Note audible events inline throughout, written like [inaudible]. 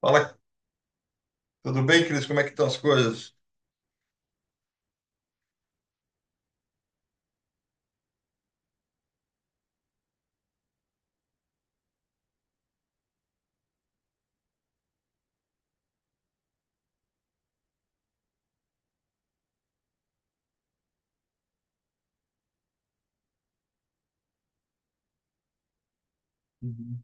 Fala, tudo bem, Cris? Como é que estão as coisas? Uhum.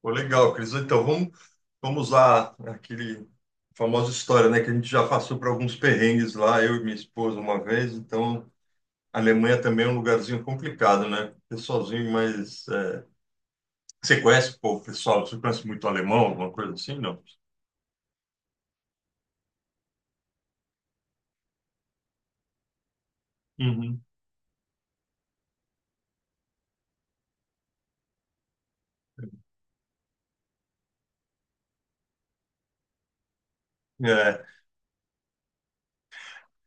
Pô, legal, Cris. Então, vamos usar aquele famosa história, né? Que a gente já passou por alguns perrengues lá, eu e minha esposa uma vez. Então, a Alemanha também é um lugarzinho complicado, né? Porque sozinho, mas... você conhece, pô, pessoal? Você conhece muito alemão, alguma coisa assim, não? Uhum. É,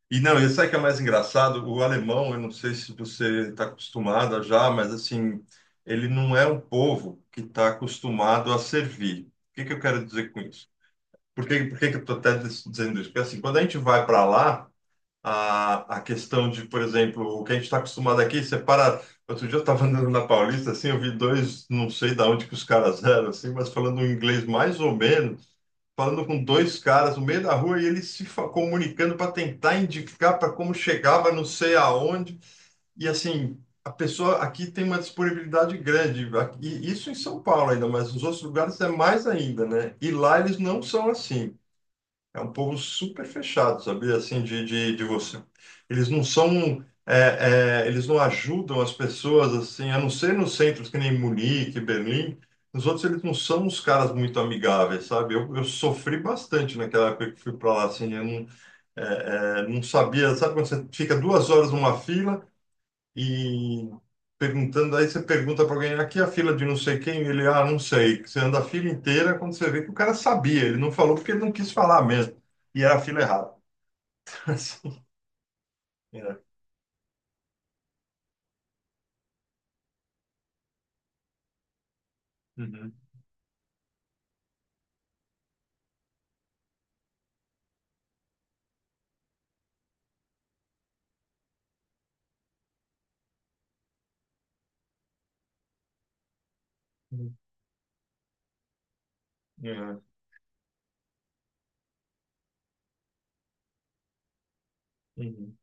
E não, e sabe o que é mais engraçado? O alemão, eu não sei se você está acostumada já, mas assim, ele não é um povo que está acostumado a servir. O que que eu quero dizer com isso? Por que que eu estou até dizendo isso? Porque assim, quando a gente vai para lá, a questão de, por exemplo, o que a gente está acostumado aqui, você para. Outro dia eu estava andando na Paulista, assim, eu vi dois, não sei de onde que os caras eram, assim, mas falando um inglês mais ou menos falando com dois caras no meio da rua e eles se fa- comunicando para tentar indicar para como chegava, não sei aonde. E assim, a pessoa aqui tem uma disponibilidade grande, e isso em São Paulo ainda, mas nos outros lugares é mais ainda, né? E lá eles não são assim. É um povo super fechado, sabia? Assim, de você. Eles não são. Eles não ajudam as pessoas, assim, a não ser nos centros que nem Munique, Berlim. Nos outros, eles não são uns caras muito amigáveis, sabe? Eu sofri bastante naquela época que fui para lá, assim. Eu não, é, é, não sabia. Sabe quando você fica duas horas numa fila? E perguntando, aí você pergunta para alguém, aqui é a fila de não sei quem, e ele, ah, não sei. Você anda a fila inteira quando você vê que o cara sabia, ele não falou porque ele não quis falar mesmo. E era a fila errada. [laughs] Assim, é. Uhum. É. Uhum.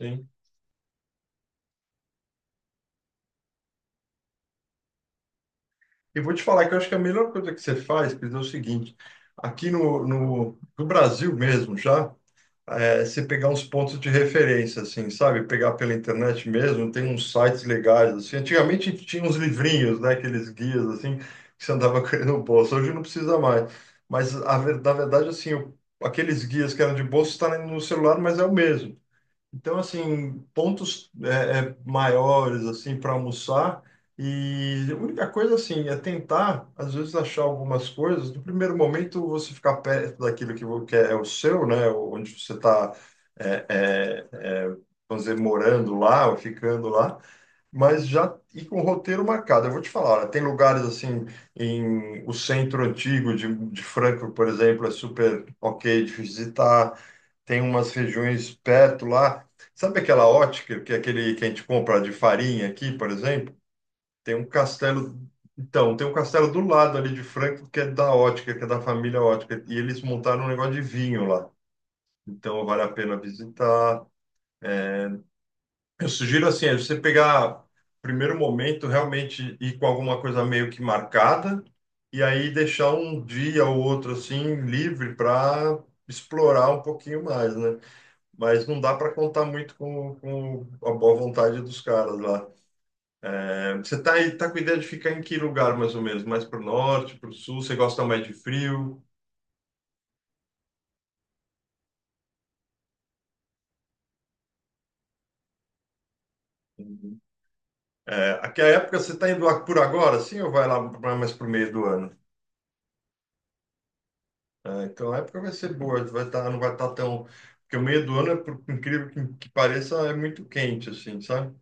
Sim. E vou te falar que eu acho que a melhor coisa que você faz, Pedro, é o seguinte, aqui no Brasil mesmo já, você pegar uns pontos de referência, assim, sabe? Pegar pela internet mesmo, tem uns sites legais, assim. Antigamente tinha uns livrinhos, né? Aqueles guias, assim, que você andava [laughs] querendo no bolso. Hoje não precisa mais. Mas, na verdade, assim, aqueles guias que eram de bolso está no celular, mas é o mesmo. Então, assim, pontos maiores, assim, para almoçar. E a única coisa, assim, é tentar, às vezes, achar algumas coisas. No primeiro momento, você ficar perto daquilo que, que é o seu, né? Onde você está, é, é, é, vamos dizer, morando lá ou ficando lá. Mas já ir com o roteiro marcado. Eu vou te falar, olha, tem lugares, assim, em o centro antigo de Franco, por exemplo, é super ok de visitar, tem umas regiões perto lá. Sabe aquela ótica, que é aquele que a gente compra de farinha aqui, por exemplo? Tem um castelo. Então, tem um castelo do lado ali de Franco, que é da ótica, que é da família ótica. E eles montaram um negócio de vinho lá. Então, vale a pena visitar. Eu sugiro, assim, é você pegar, primeiro momento, realmente ir com alguma coisa meio que marcada. E aí deixar um dia ou outro, assim, livre para explorar um pouquinho mais, né? Mas não dá para contar muito com a boa vontade dos caras lá. É, você tá aí, tá com ideia de ficar em que lugar mais ou menos? Mais para o norte, para o sul? Você gosta mais de frio? Uhum. É, aqui é a época, você está indo lá por agora, sim, ou vai lá mais para o meio do ano? É, então a época vai ser boa, vai tá, não vai estar tão. Porque o meio do ano, é, por incrível que pareça, é muito quente, assim, sabe?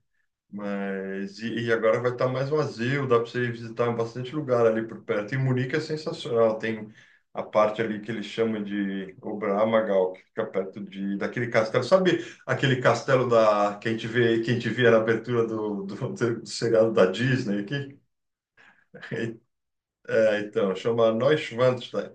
Mas e agora vai estar mais vazio, dá para você ir visitar bastante lugar ali por perto. E Munique é sensacional, tem a parte ali que eles chamam de Oberammergau, que fica perto de daquele castelo. Sabe aquele castelo da que a gente vê, que a gente via na abertura do seriado da Disney aqui? [laughs] É, então, chama Neuschwanstein.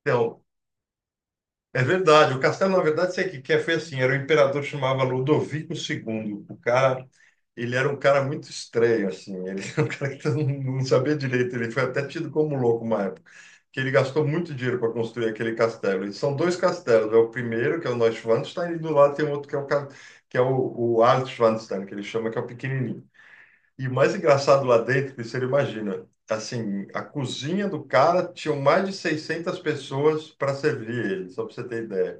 Então, é verdade. O castelo, na verdade, sei que é? Foi assim. Era o imperador que chamava Ludovico II. O cara, ele era um cara muito estranho, assim. Ele [laughs] era um cara que não sabia direito. Ele foi até tido como louco uma época, que ele gastou muito dinheiro para construir aquele castelo. E são dois castelos. É o primeiro, que é o Neuschwanstein, e do lado tem outro que é que é o Alt Schwanstein, que ele chama, que é o pequenininho. E o mais engraçado lá dentro, que você não imagina, assim, a cozinha do cara tinha mais de 600 pessoas para servir ele, só para você ter ideia.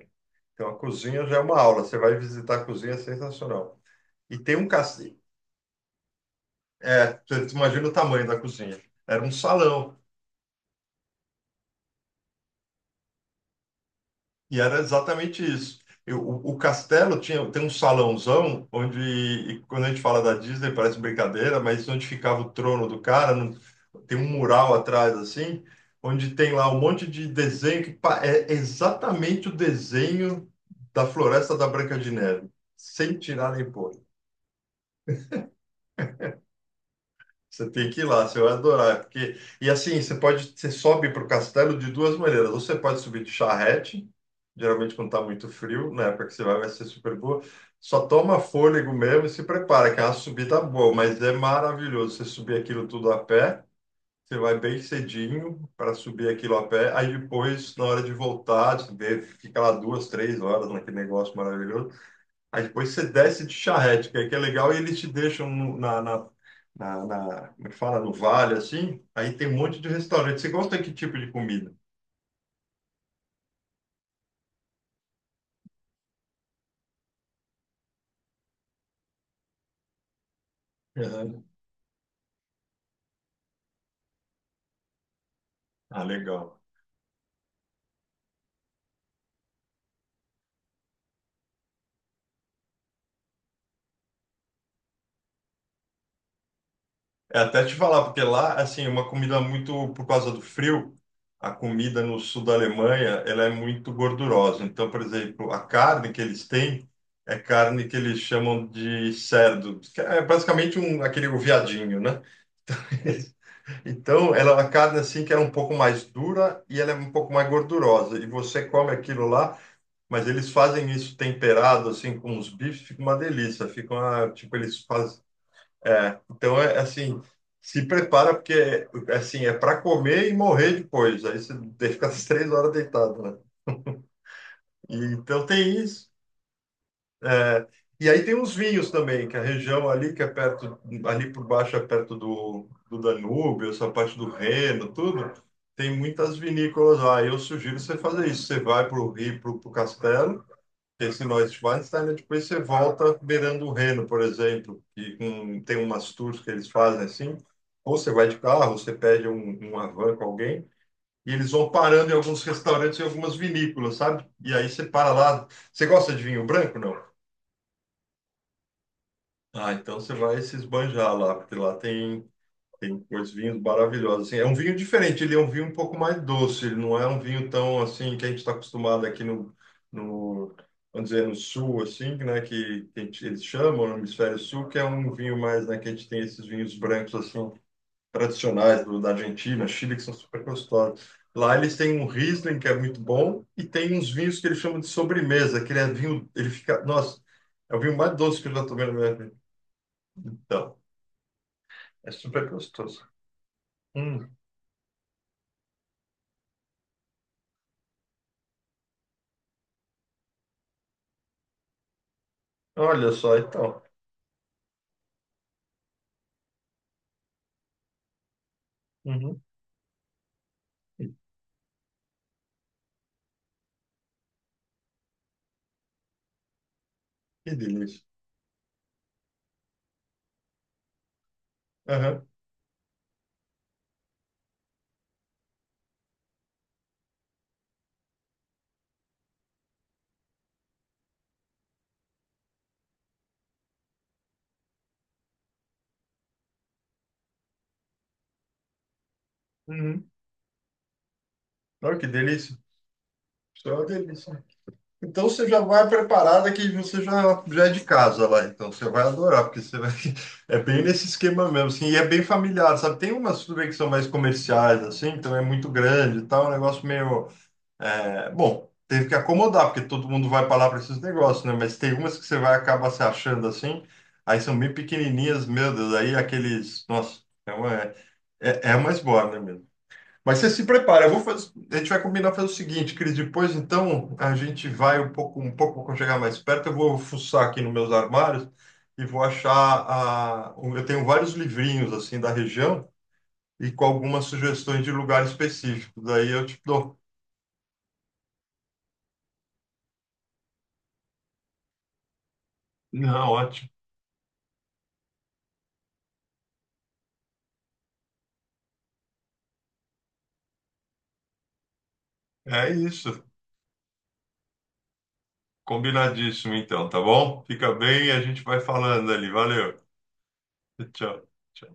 Então, a cozinha já é uma aula. Você vai visitar a cozinha, é sensacional. E tem um castelo. É, você imagina o tamanho da cozinha. Era um salão. E era exatamente isso. O castelo tinha, tem um salãozão onde, e quando a gente fala da Disney, parece brincadeira, mas onde ficava o trono do cara, tem um mural atrás, assim, onde tem lá um monte de desenho é exatamente o desenho da floresta da Branca de Neve, sem tirar nem pôr. Você tem que ir lá, você vai adorar. Porque... E assim, você pode, você sobe para o castelo de duas maneiras. Ou você pode subir de charrete, geralmente quando está muito frio, na época que você vai, vai ser super boa. Só toma fôlego mesmo e se prepara, que é uma subida boa, mas é maravilhoso. Você subir aquilo tudo a pé, você vai bem cedinho para subir aquilo a pé. Aí depois, na hora de voltar, você vê, fica lá duas, três horas naquele negócio maravilhoso. Aí depois você desce de charrete, que é legal, e eles te deixam como é que fala, no vale, assim. Aí tem um monte de restaurante. Você gosta de que tipo de comida? Aham. Ah, legal. É até te falar, porque lá, assim, é uma comida muito, por causa do frio, a comida no sul da Alemanha, ela é muito gordurosa. Então, por exemplo, a carne que eles têm é carne que eles chamam de cerdo, que é basicamente um, aquele o viadinho, né? [laughs] Então, ela, a carne assim que ela é um pouco mais dura e ela é um pouco mais gordurosa. E você come aquilo lá, mas eles fazem isso temperado assim com os bifes, fica uma delícia. Fica uma, tipo eles fazem. Então é assim, se prepara porque assim é para comer e morrer depois. Aí você [laughs] fica as três horas deitado, né? E, então tem isso. E aí tem uns vinhos também, que a região ali que é perto, ali por baixo é perto do Danúbio, essa parte do Reno, tudo, tem muitas vinícolas lá. Eu sugiro você fazer isso. Você vai para o Rio, para o Castelo, esse Neuschwanstein, e depois você volta beirando o Reno, por exemplo, que tem umas tours que eles fazem assim. Ou você vai de carro, ou você pede uma van com alguém, e eles vão parando em alguns restaurantes e algumas vinícolas, sabe? E aí você para lá. Você gosta de vinho branco, não? Ah, então você vai se esbanjar lá, porque lá tem, tem coisas vinhos maravilhosos. Assim, é um vinho diferente, ele é um vinho um pouco mais doce, ele não é um vinho tão assim que a gente está acostumado aqui no, vamos dizer, no sul, assim, né, que eles chamam no hemisfério sul, que é um vinho mais, né, que a gente tem esses vinhos brancos assim tradicionais da Argentina, Chile, que são super gostosos. Lá eles têm um Riesling que é muito bom e tem uns vinhos que eles chamam de sobremesa, que ele é vinho, ele fica, nossa, é o vinho mais doce que eu já tomei na minha vida. Então, é super gostoso. Hum, olha só, então. Uhum. Que delícia. Aham. Uhum. Olha que delícia. Isso é uma delícia. Então você já vai preparada que você já é de casa lá, então você vai adorar, porque você vai... [laughs] é bem nesse esquema mesmo, assim, e é bem familiar, sabe? Tem umas tudo bem que são mais comerciais, assim, então é muito grande e tal, é um negócio meio. É, bom, teve que acomodar, porque todo mundo vai para lá para esses negócios, né? Mas tem umas que você vai acabar se achando assim, aí são bem pequenininhas, meu Deus, aí aqueles. Nossa, é uma esbórnia mesmo. Mas você se prepara, eu vou fazer, a gente vai combinar fazer o seguinte, Cris, depois então a gente vai um pouco quando chegar mais perto, eu vou fuçar aqui nos meus armários e vou achar eu tenho vários livrinhos assim da região e com algumas sugestões de lugares específicos. Daí eu te dou. Não, ótimo. É isso. Combinadíssimo, então, tá bom? Fica bem e a gente vai falando ali. Valeu. Tchau. Tchau.